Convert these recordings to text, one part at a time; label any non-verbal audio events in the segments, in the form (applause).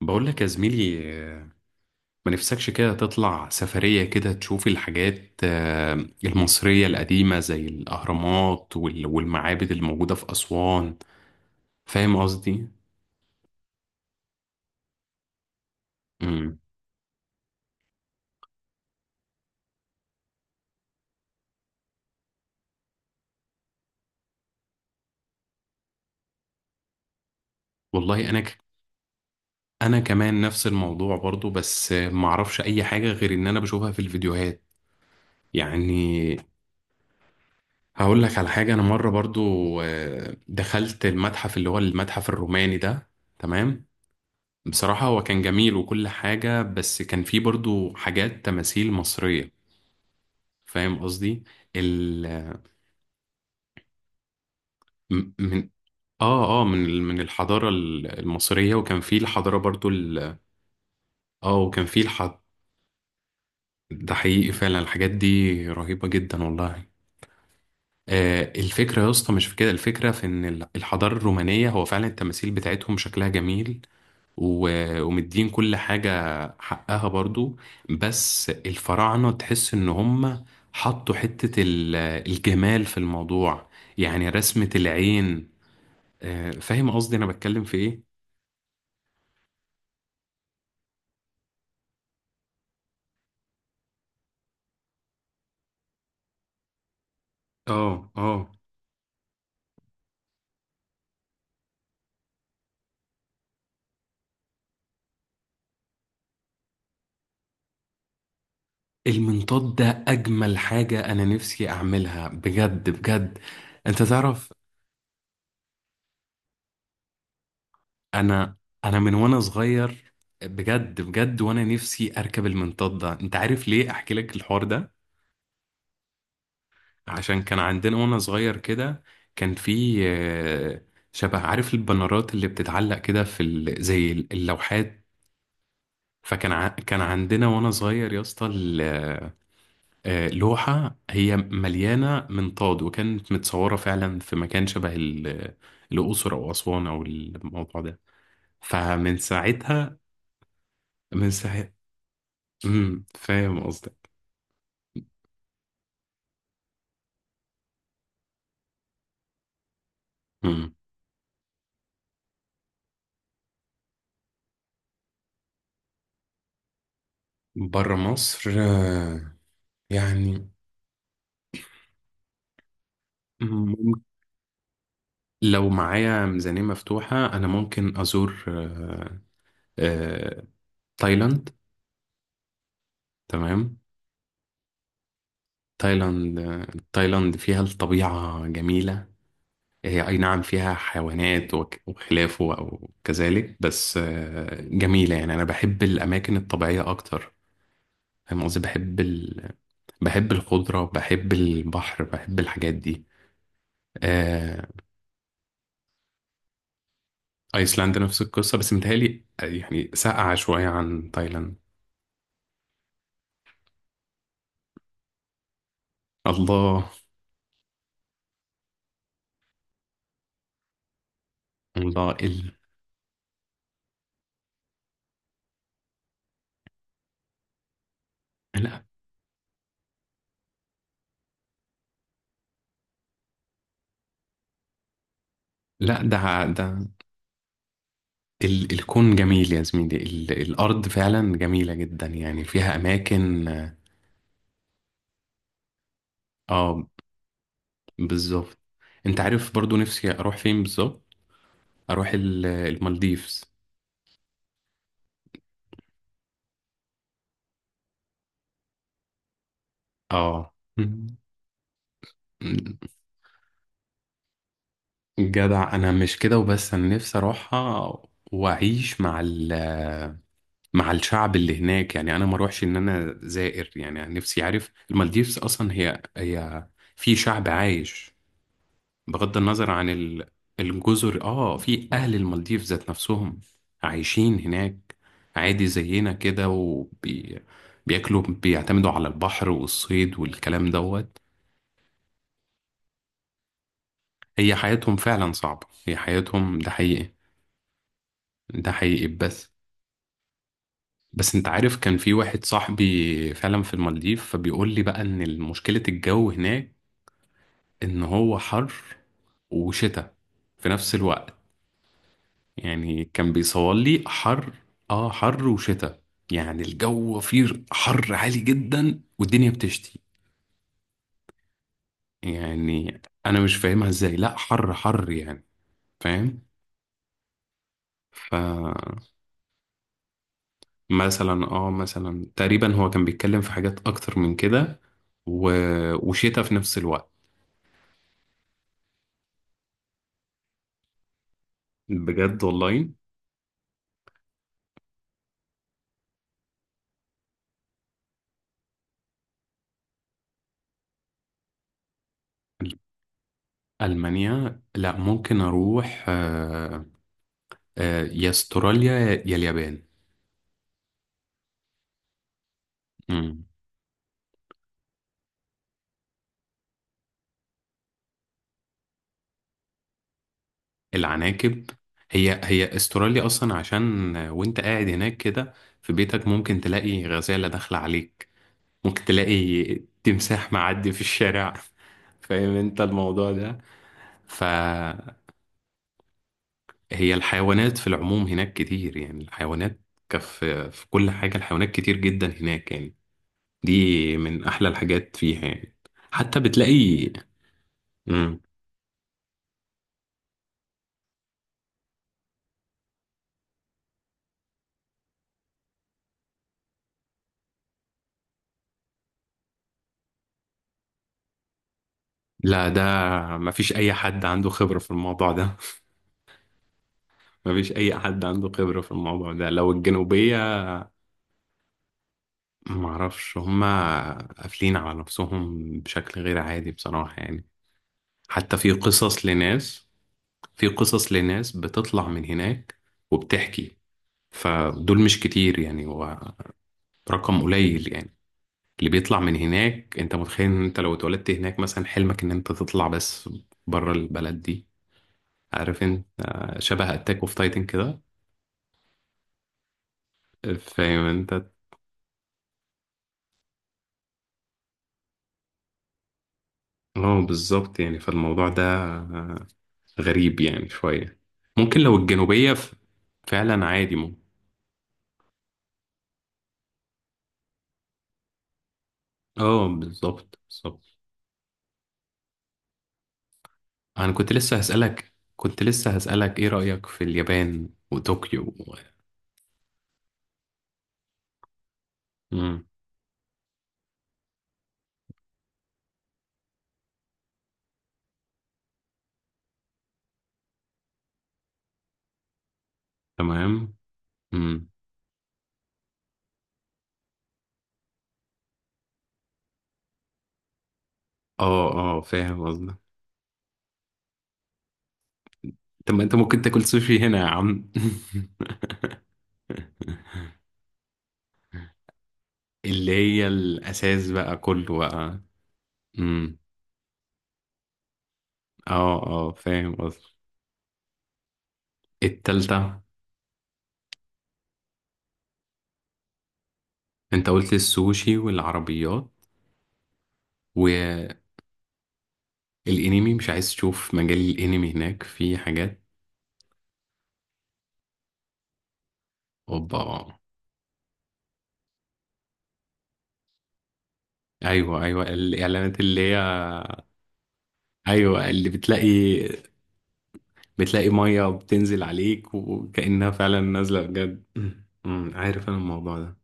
بقول لك يا زميلي، ما نفسكش كده تطلع سفرية كده تشوف الحاجات المصرية القديمة زي الأهرامات والمعابد الموجودة في أسوان. فاهم قصدي؟ مم. والله أنا ك... أنا كمان نفس الموضوع برضو، بس ما أعرفش أي حاجة غير إن أنا بشوفها في الفيديوهات يعني. هقول لك على حاجة. أنا مرة برضو دخلت المتحف اللي هو المتحف الروماني ده. تمام؟ بصراحة هو كان جميل وكل حاجة، بس كان فيه برضو حاجات تماثيل مصرية. فاهم قصدي. ال م- من اه اه من ال- من الحضارة المصرية، وكان فيه الحضارة برضو اه وكان فيه الح... ده حقيقي فعلا، الحاجات دي رهيبة جدا والله. الفكرة يا اسطى مش في كده، الفكرة في ان الحضارة الرومانية هو فعلا التماثيل بتاعتهم شكلها جميل، ومدين كل حاجة حقها برضو. بس الفراعنة تحس ان هم حطوا حتة الجمال في الموضوع، يعني رسمة العين. فاهم قصدي انا بتكلم في ايه؟ اه اه. المنطاد ده اجمل حاجة انا نفسي اعملها بجد بجد. انت تعرف، انا انا من وانا صغير بجد بجد، وانا نفسي اركب المنطاد ده. انت عارف ليه احكي لك الحوار ده؟ عشان كان عندنا وانا صغير كده، كان في شبه، عارف البنرات اللي بتتعلق كده في زي اللوحات. كان عندنا وانا صغير يا اسطى لوحة هي مليانة منطاد، وكانت متصورة فعلا في مكان شبه الأقصر أو أسوان أو الموضوع ده. فمن ساعتها، من ساعتها فاهم قصدك. بره مصر، يعني لو معايا ميزانية مفتوحة أنا ممكن أزور آه، تايلاند. تمام. تايلاند آه، تايلاند فيها الطبيعة جميلة. هي أي نعم فيها حيوانات وخلافه أو كذلك، بس جميلة يعني. أنا بحب الأماكن الطبيعية أكتر. فاهم قصدي. بحب الخضرة، بحب البحر، بحب الحاجات دي. آه، أيسلندا نفس القصة، بس متهيألي يعني ساقعة شوية عن تايلاند. الله. الله. لا لا، الكون جميل يا زميلي، الأرض فعلا جميلة جدا يعني، فيها أماكن. اه بالظبط. انت عارف برضو نفسي أروح فين بالظبط؟ أروح المالديفز. اه. جدع، أنا مش كده وبس، أنا نفسي أروحها. وأعيش مع مع الشعب اللي هناك. يعني أنا ما أروحش إن أنا زائر. يعني أنا نفسي، عارف، المالديفز أصلا هي في شعب عايش بغض النظر عن الجزر. اه، في اهل المالديف ذات نفسهم عايشين هناك عادي زينا كده، وبياكلوا بيعتمدوا على البحر والصيد والكلام دوت. هي حياتهم فعلا صعبة، هي حياتهم، ده حقيقي. ده حقيقي، بس انت عارف كان في واحد صاحبي فعلا في المالديف، فبيقول لي بقى ان مشكلة الجو هناك ان هو حر وشتاء في نفس الوقت. يعني كان بيصور لي حر. اه، حر وشتاء، يعني الجو فيه حر عالي جدا والدنيا بتشتي. يعني انا مش فاهمها ازاي، لا حر حر يعني، فاهم. فمثلا، اه مثلا تقريبا هو كان بيتكلم في حاجات اكتر من كده، و... وشتاء في نفس الوقت. بجد والله. ألمانيا؟ لا، ممكن أروح يا استراليا يا اليابان. مم. العناكب. هي استراليا اصلا، عشان وانت قاعد هناك كده في بيتك ممكن تلاقي غزالة داخلة عليك. ممكن تلاقي تمساح معدي في الشارع. (laughs) فاهم انت الموضوع ده. فهي الحيوانات في العموم هناك كتير، يعني الحيوانات، كف، في كل حاجة. الحيوانات كتير جدا هناك يعني. دي من احلى الحاجات فيها يعني. حتى بتلاقي. مم. لا، ده مفيش اي حد عنده خبرة في الموضوع ده. مفيش اي حد عنده خبرة في الموضوع ده لو الجنوبية. معرفش، هما قافلين على نفسهم بشكل غير عادي بصراحة يعني. حتى في قصص لناس، في قصص لناس بتطلع من هناك وبتحكي. فدول مش كتير يعني، هو رقم قليل يعني، اللي بيطلع من هناك. انت متخيل ان انت لو اتولدت هناك مثلا حلمك ان انت تطلع بس بره البلد دي. عارف انت، شبه اتاك اوف تايتن كده، فاهم انت. اه بالظبط، يعني فالموضوع ده غريب يعني شوية. ممكن لو الجنوبية فعلا عادي، ممكن. اه بالظبط بالظبط. انا كنت لسه هسألك كنت لسه هسألك ايه رأيك في اليابان وطوكيو مم. تمام. مم. اه اه، فاهم قصدك. طب ما انت ممكن تاكل سوشي هنا يا عم. (laughs) اللي هي الأساس بقى، كله بقى. امم اه اه، فاهم قصدك. التالتة. انت قلت السوشي والعربيات. الانمي. مش عايز تشوف مجال الانمي هناك في حاجات؟ اوبا. ايوه ايوه، الاعلانات اللي هي، ايوه اللي بتلاقي، بتلاقي ميه بتنزل عليك وكأنها فعلا نازله بجد. عارف انا الموضوع ده.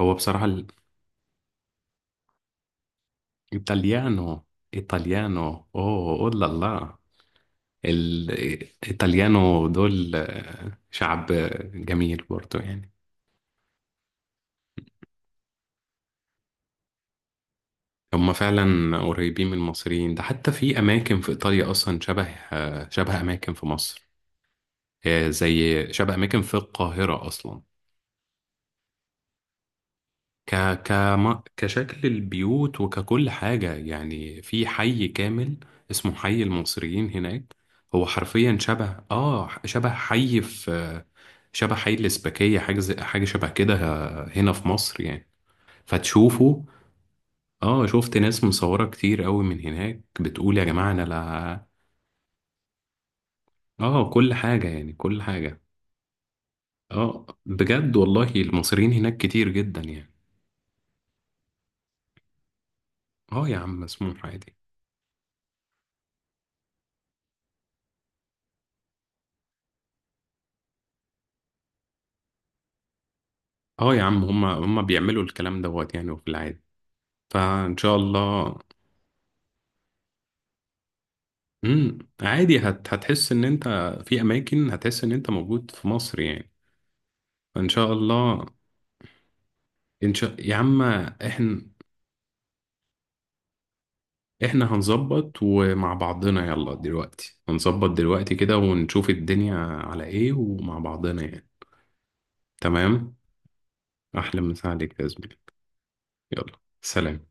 هو بصراحه ايطاليانو. ايطاليانو. اوه، اولا لا لا، الايطاليانو دول شعب جميل برضه يعني. هما فعلا قريبين من المصريين، ده حتى في أماكن في إيطاليا أصلا شبه شبه أماكن في مصر. زي شبه أماكن في القاهرة أصلا. ك كشكل البيوت وككل حاجة يعني. في حي كامل اسمه حي المصريين هناك. هو حرفيا شبه آه شبه حي في شبه حي الإسباكية، حاجة شبه كده، هنا في مصر يعني، فتشوفه. اه شفت ناس مصورة كتير قوي من هناك بتقول يا جماعة، انا لا، اه كل حاجة يعني كل حاجة. اه بجد والله، المصريين هناك كتير جدا يعني. اه يا عم، مسموح عادي. اه يا عم، هما بيعملوا الكلام دوت يعني، وفي العادي. فان شاء الله. عادي، هتحس ان انت في اماكن هتحس ان انت موجود في مصر يعني. فان شاء الله. ان شاء، يا عم احنا، احنا هنظبط ومع بعضنا. يلا دلوقتي هنظبط دلوقتي كده، ونشوف الدنيا على ايه ومع بعضنا يعني. تمام. احلى مسا عليك يا زميلي. يلا، سلام.